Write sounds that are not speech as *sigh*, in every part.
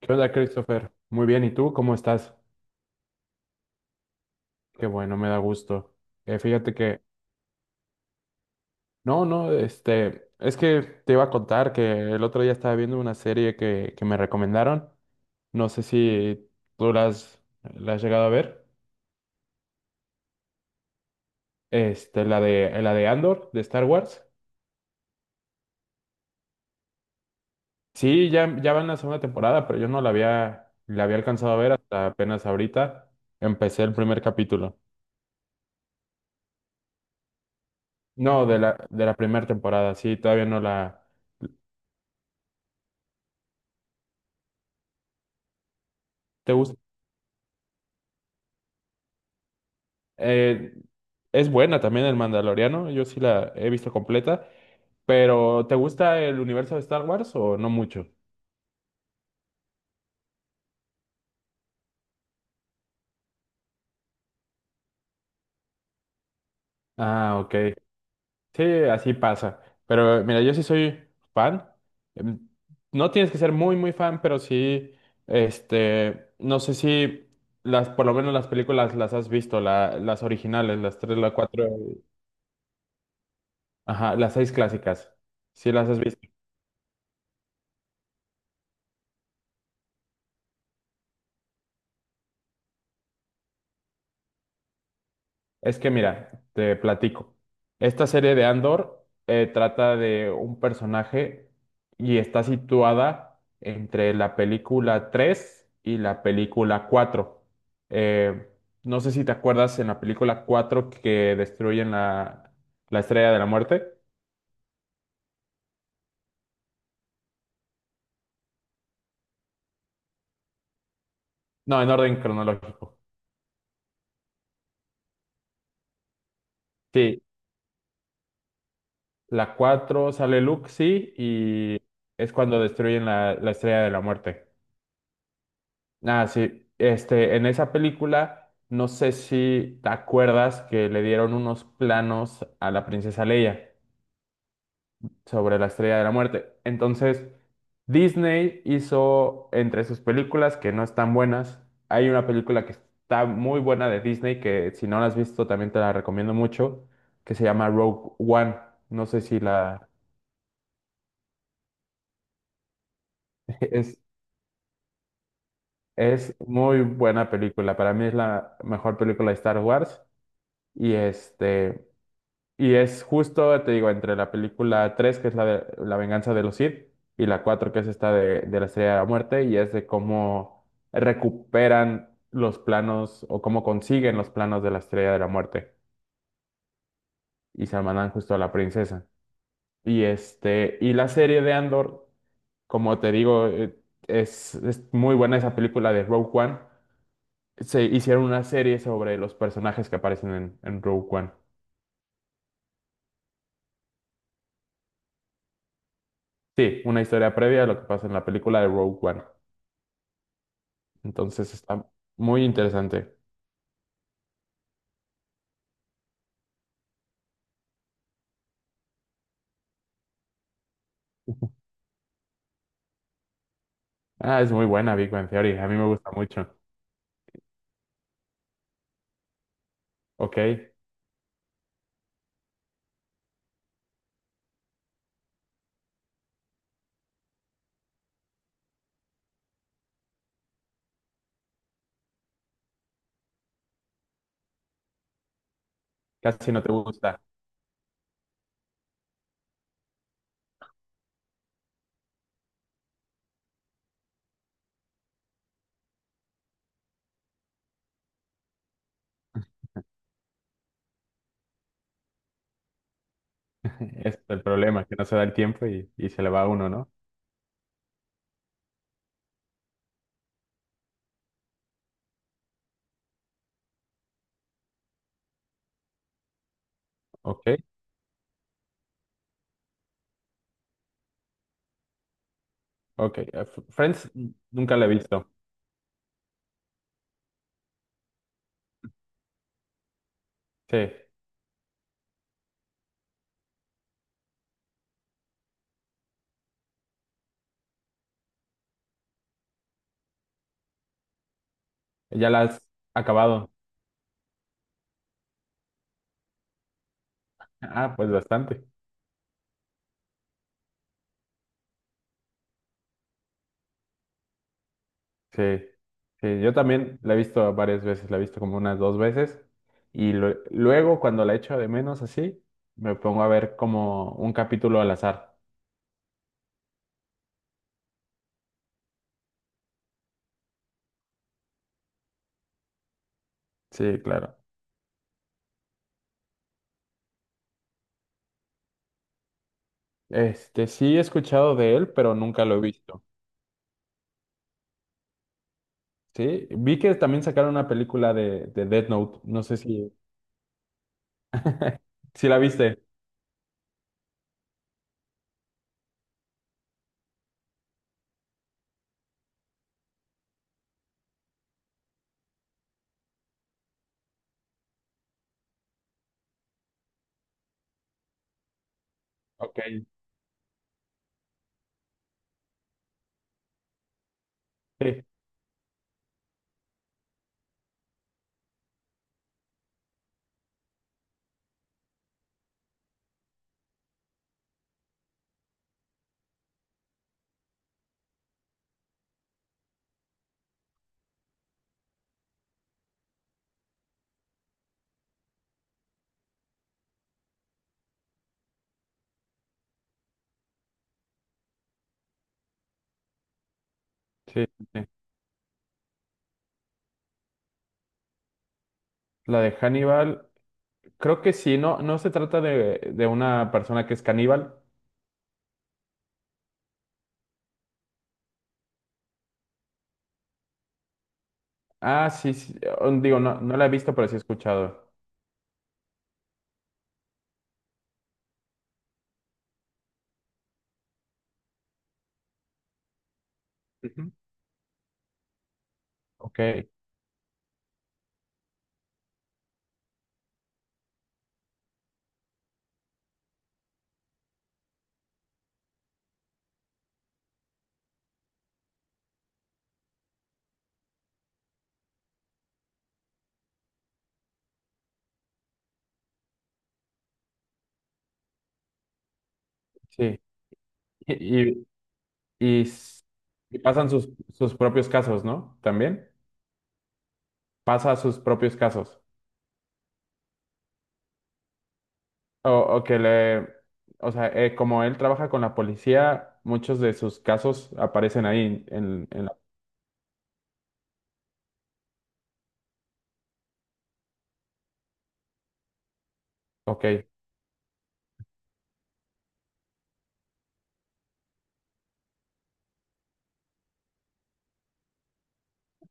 ¿Qué onda, Christopher? Muy bien, ¿y tú cómo estás? Qué bueno, me da gusto. Fíjate que, no, no, este, es que te iba a contar que el otro día estaba viendo una serie que me recomendaron. No sé si tú la has llegado a ver. Este, la de Andor, de Star Wars. Sí, ya, ya va en la segunda temporada, pero yo no la había alcanzado a ver hasta apenas ahorita. Empecé el primer capítulo. No, de la primera temporada, sí, todavía no la. ¿Te gusta? Eh, es buena también el Mandaloriano, yo sí la he visto completa, pero ¿te gusta el universo de Star Wars o no mucho? Ah, ok. Sí, así pasa. Pero mira, yo sí soy fan. Em, No tienes que ser muy, muy fan, pero sí, este, no sé si por lo menos las películas las has visto, las originales, las tres, la cuatro, ajá, las seis clásicas. Sí las has visto. Es que mira, te platico. Esta serie de Andor trata de un personaje y está situada entre la película 3 y la película 4. Eh, no sé si te acuerdas en la película 4 que destruyen la Estrella de la Muerte. No, en orden cronológico. Sí, la 4 sale Luke, sí, y es cuando destruyen la Estrella de la Muerte. Ah, sí. Este, en esa película, no sé si te acuerdas que le dieron unos planos a la princesa Leia sobre la Estrella de la Muerte. Entonces, Disney hizo entre sus películas que no están buenas. Hay una película que está muy buena de Disney que si no la has visto también te la recomiendo mucho, que se llama Rogue One. No sé si la. *laughs* Es, es muy buena película. Para mí es la mejor película de Star Wars. Y este. Y es justo, te digo, entre la película 3 que es la de La venganza de los Sith, y la 4 que es esta de la Estrella de la Muerte, y es de cómo recuperan los planos o cómo consiguen los planos de la Estrella de la Muerte y se la mandan justo a la princesa. Y este, y la serie de Andor, como te digo, es muy buena esa película de Rogue One. Se hicieron una serie sobre los personajes que aparecen en Rogue One. Sí, una historia previa a lo que pasa en la película de Rogue One. Entonces está muy interesante. Ah, es muy buena Big Bang Theory. A mí me gusta mucho. Ok, casi no te gusta. *laughs* Ese es el problema, que no se da el tiempo y se le va a uno, ¿no? Ok, ok. Friends nunca la he visto. Sí, ya la has acabado. Ah, pues bastante. Sí, sí, yo también la he visto varias veces. La he visto como unas dos veces. Y luego, cuando la echo de menos así, me pongo a ver como un capítulo al azar. Sí, claro. Este, sí he escuchado de él, pero nunca lo he visto. Sí, vi que también sacaron una película de Death Note. No sé si, *laughs* si la viste. Ok. Sí, sí, sí. La de Hannibal, creo que sí, no, no se trata de una persona que es caníbal. Ah, sí, sí. Oh, digo, no, no la he visto, pero sí he escuchado. Ujú. Ok, sí. Y, y, y s- y pasan sus propios casos, ¿no? También pasa sus propios casos. O, o que le, o sea, como él trabaja con la policía, muchos de sus casos aparecen ahí en la. Ok,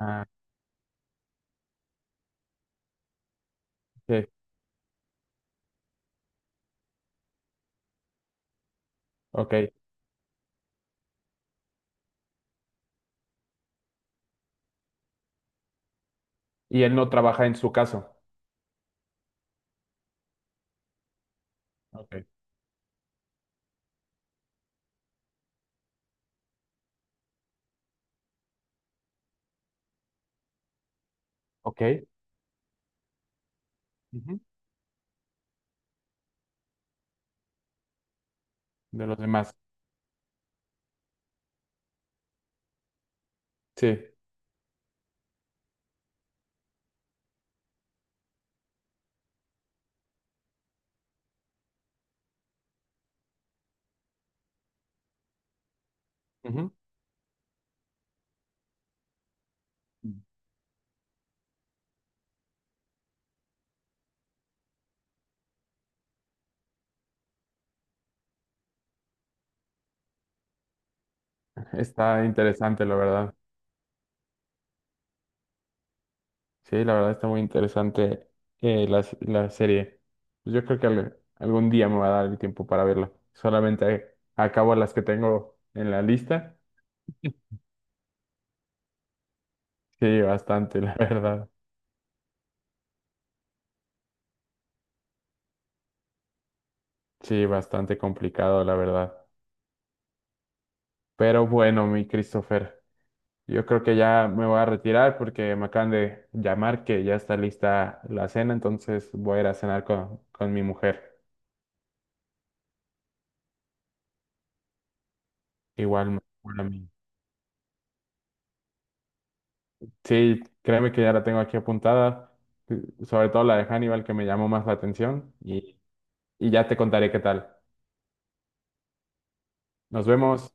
ah, sí, ok. Y él no trabaja en su caso. Ok. Ok. Ujú, de los demás. Sí. Ujú. Está interesante, la verdad. Sí, la verdad está muy interesante la serie. Pues yo creo que algún día me va a dar el tiempo para verla. Solamente acabo las que tengo en la lista. Sí, bastante, *laughs* la verdad. Sí, bastante complicado, la verdad. Pero bueno, mi Christopher, yo creo que ya me voy a retirar porque me acaban de llamar que ya está lista la cena, entonces voy a ir a cenar con mi mujer. Igual, igual a mí. Sí, créeme que ya la tengo aquí apuntada, sobre todo la de Hannibal que me llamó más la atención y ya te contaré qué tal. Nos vemos.